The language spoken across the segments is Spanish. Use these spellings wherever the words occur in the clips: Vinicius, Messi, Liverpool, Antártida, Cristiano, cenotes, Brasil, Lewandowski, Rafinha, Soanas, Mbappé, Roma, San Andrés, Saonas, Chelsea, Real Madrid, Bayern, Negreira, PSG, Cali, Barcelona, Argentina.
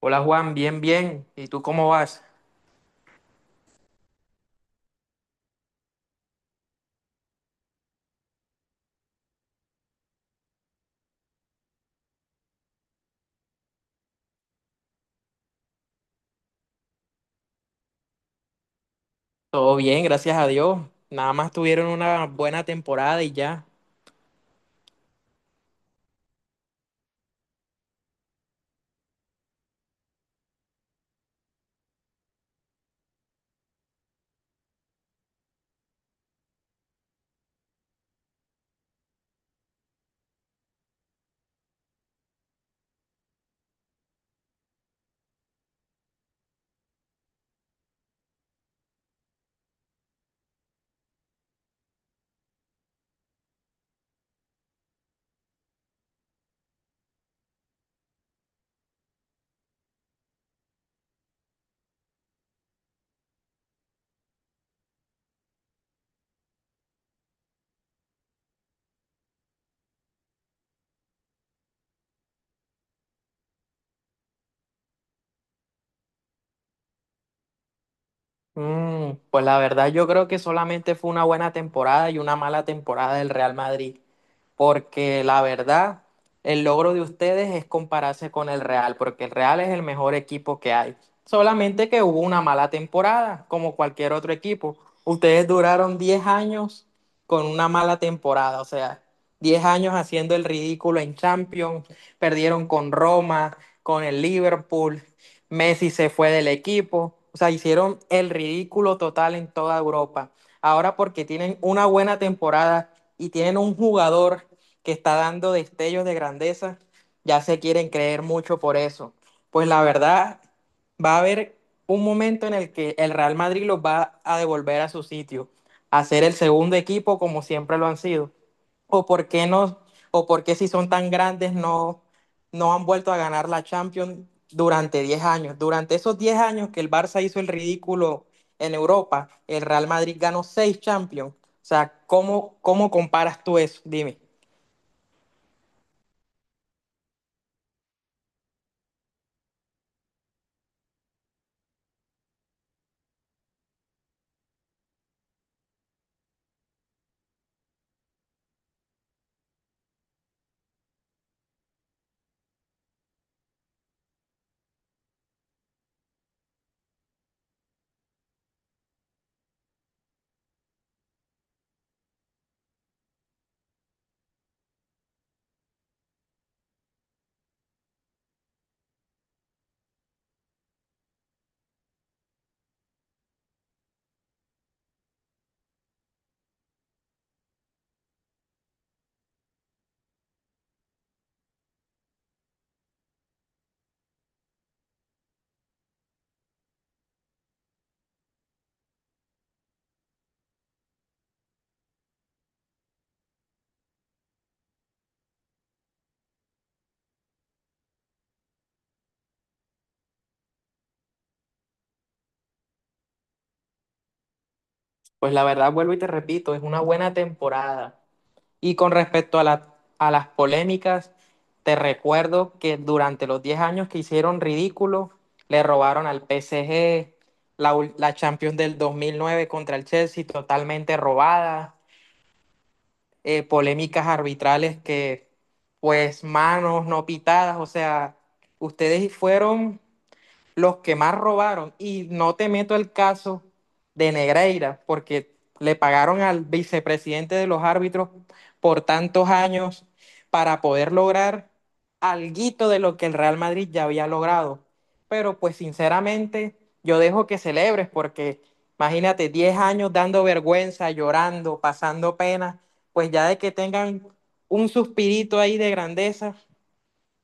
Hola Juan, bien, bien. ¿Y tú cómo vas? Todo bien, gracias a Dios. Nada más tuvieron una buena temporada y ya. Pues la verdad yo creo que solamente fue una buena temporada y una mala temporada del Real Madrid, porque la verdad, el logro de ustedes es compararse con el Real, porque el Real es el mejor equipo que hay. Solamente que hubo una mala temporada, como cualquier otro equipo. Ustedes duraron 10 años con una mala temporada, o sea, 10 años haciendo el ridículo en Champions, perdieron con Roma, con el Liverpool, Messi se fue del equipo, o sea, hicieron el ridículo total en toda Europa. Ahora porque tienen una buena temporada y tienen un jugador que está dando destellos de grandeza, ya se quieren creer mucho por eso. Pues la verdad, va a haber un momento en el que el Real Madrid los va a devolver a su sitio, a ser el segundo equipo como siempre lo han sido. ¿O por qué no? ¿O por qué si son tan grandes no no han vuelto a ganar la Champions durante 10 años? Durante esos 10 años que el Barça hizo el ridículo en Europa, el Real Madrid ganó 6 Champions. O sea, ¿cómo comparas tú eso? Dime. Pues la verdad, vuelvo y te repito, es una buena temporada. Y con respecto a la- a las polémicas, te recuerdo que durante los 10 años que hicieron ridículo, le robaron al PSG la Champions del 2009 contra el Chelsea, totalmente robada, polémicas arbitrales que, pues, manos no pitadas, o sea, ustedes fueron los que más robaron, y no te meto el caso de Negreira, porque le pagaron al vicepresidente de los árbitros por tantos años para poder lograr alguito de lo que el Real Madrid ya había logrado. Pero pues sinceramente yo dejo que celebres porque, imagínate, 10 años dando vergüenza, llorando, pasando pena, pues ya de que tengan un suspirito ahí de grandeza,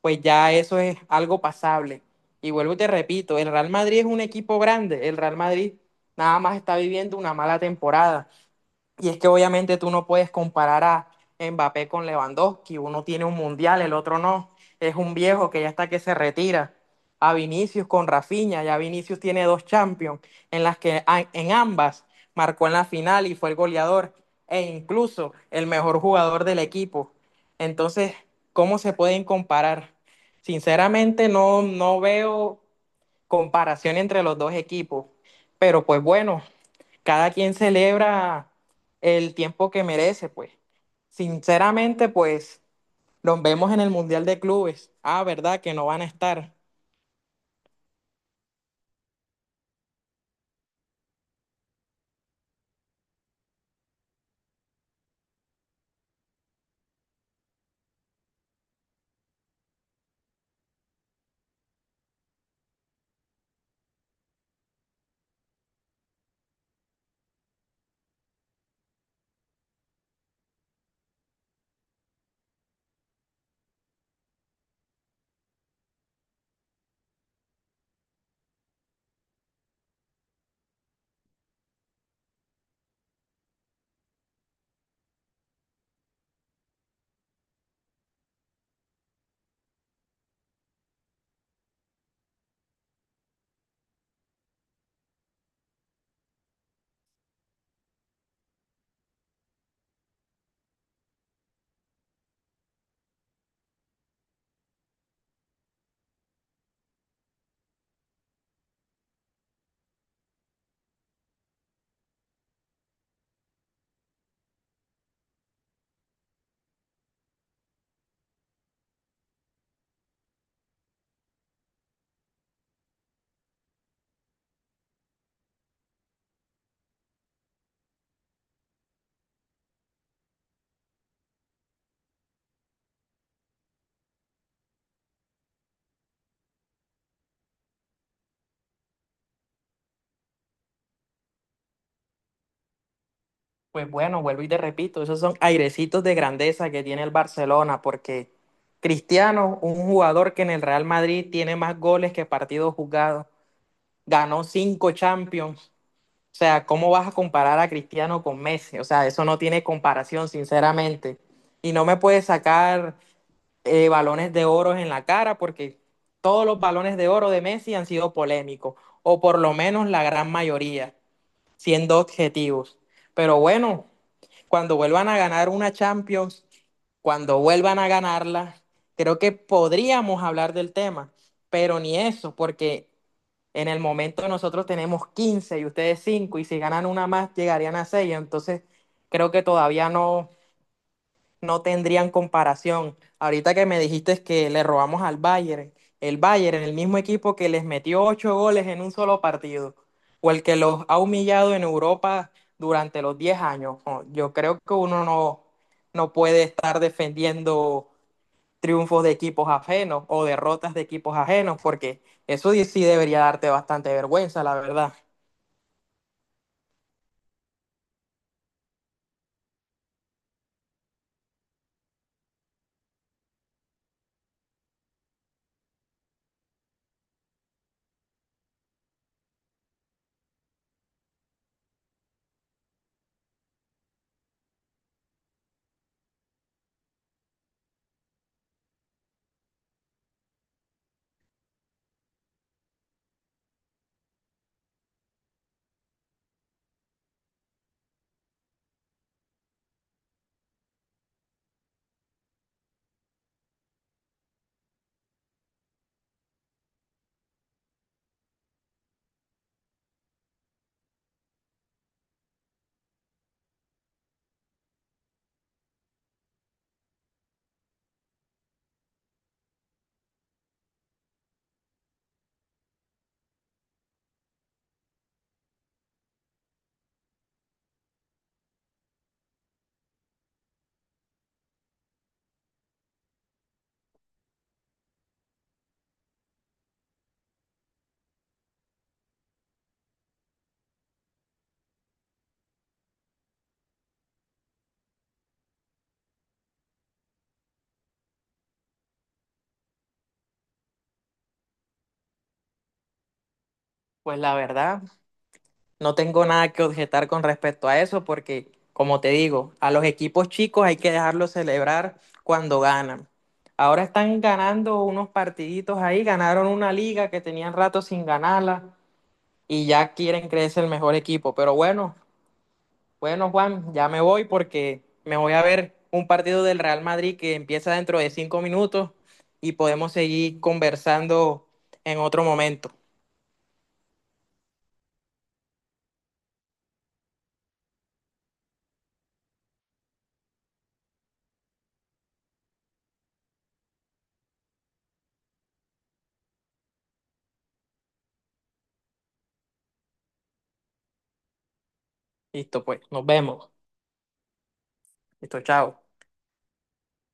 pues ya eso es algo pasable. Y vuelvo y te repito, el Real Madrid es un equipo grande, el Real Madrid nada más está viviendo una mala temporada. Y es que obviamente tú no puedes comparar a Mbappé con Lewandowski. Uno tiene un mundial, el otro no. Es un viejo que ya está que se retira. A Vinicius con Rafinha. Ya Vinicius tiene dos Champions en las que en ambas marcó en la final y fue el goleador e incluso el mejor jugador del equipo. Entonces, ¿cómo se pueden comparar? Sinceramente no, no veo comparación entre los dos equipos. Pero pues bueno, cada quien celebra el tiempo que merece, pues. Sinceramente, pues los vemos en el Mundial de Clubes. Ah, ¿verdad? Que no van a estar. Pues bueno, vuelvo y te repito, esos son airecitos de grandeza que tiene el Barcelona, porque Cristiano, un jugador que en el Real Madrid tiene más goles que partidos jugados, ganó cinco Champions. O sea, ¿cómo vas a comparar a Cristiano con Messi? O sea, eso no tiene comparación, sinceramente. Y no me puedes sacar balones de oro en la cara, porque todos los balones de oro de Messi han sido polémicos, o por lo menos la gran mayoría, siendo objetivos. Pero bueno, cuando vuelvan a ganar una Champions, cuando vuelvan a ganarla, creo que podríamos hablar del tema, pero ni eso, porque en el momento nosotros tenemos 15 y ustedes cinco, y si ganan una más llegarían a 6. Entonces creo que todavía no, no tendrían comparación. Ahorita que me dijiste que le robamos al Bayern, el mismo equipo que les metió ocho goles en un solo partido, o el que los ha humillado en Europa durante los 10 años, no, yo creo que uno no, no puede estar defendiendo triunfos de equipos ajenos o derrotas de equipos ajenos, porque eso sí debería darte bastante vergüenza, la verdad. Pues la verdad, no tengo nada que objetar con respecto a eso porque, como te digo, a los equipos chicos hay que dejarlos celebrar cuando ganan. Ahora están ganando unos partiditos ahí, ganaron una liga que tenían rato sin ganarla y ya quieren creerse el mejor equipo. Pero bueno, bueno Juan, ya me voy porque me voy a ver un partido del Real Madrid que empieza dentro de 5 minutos y podemos seguir conversando en otro momento. Listo, pues, nos vemos. Listo, chao.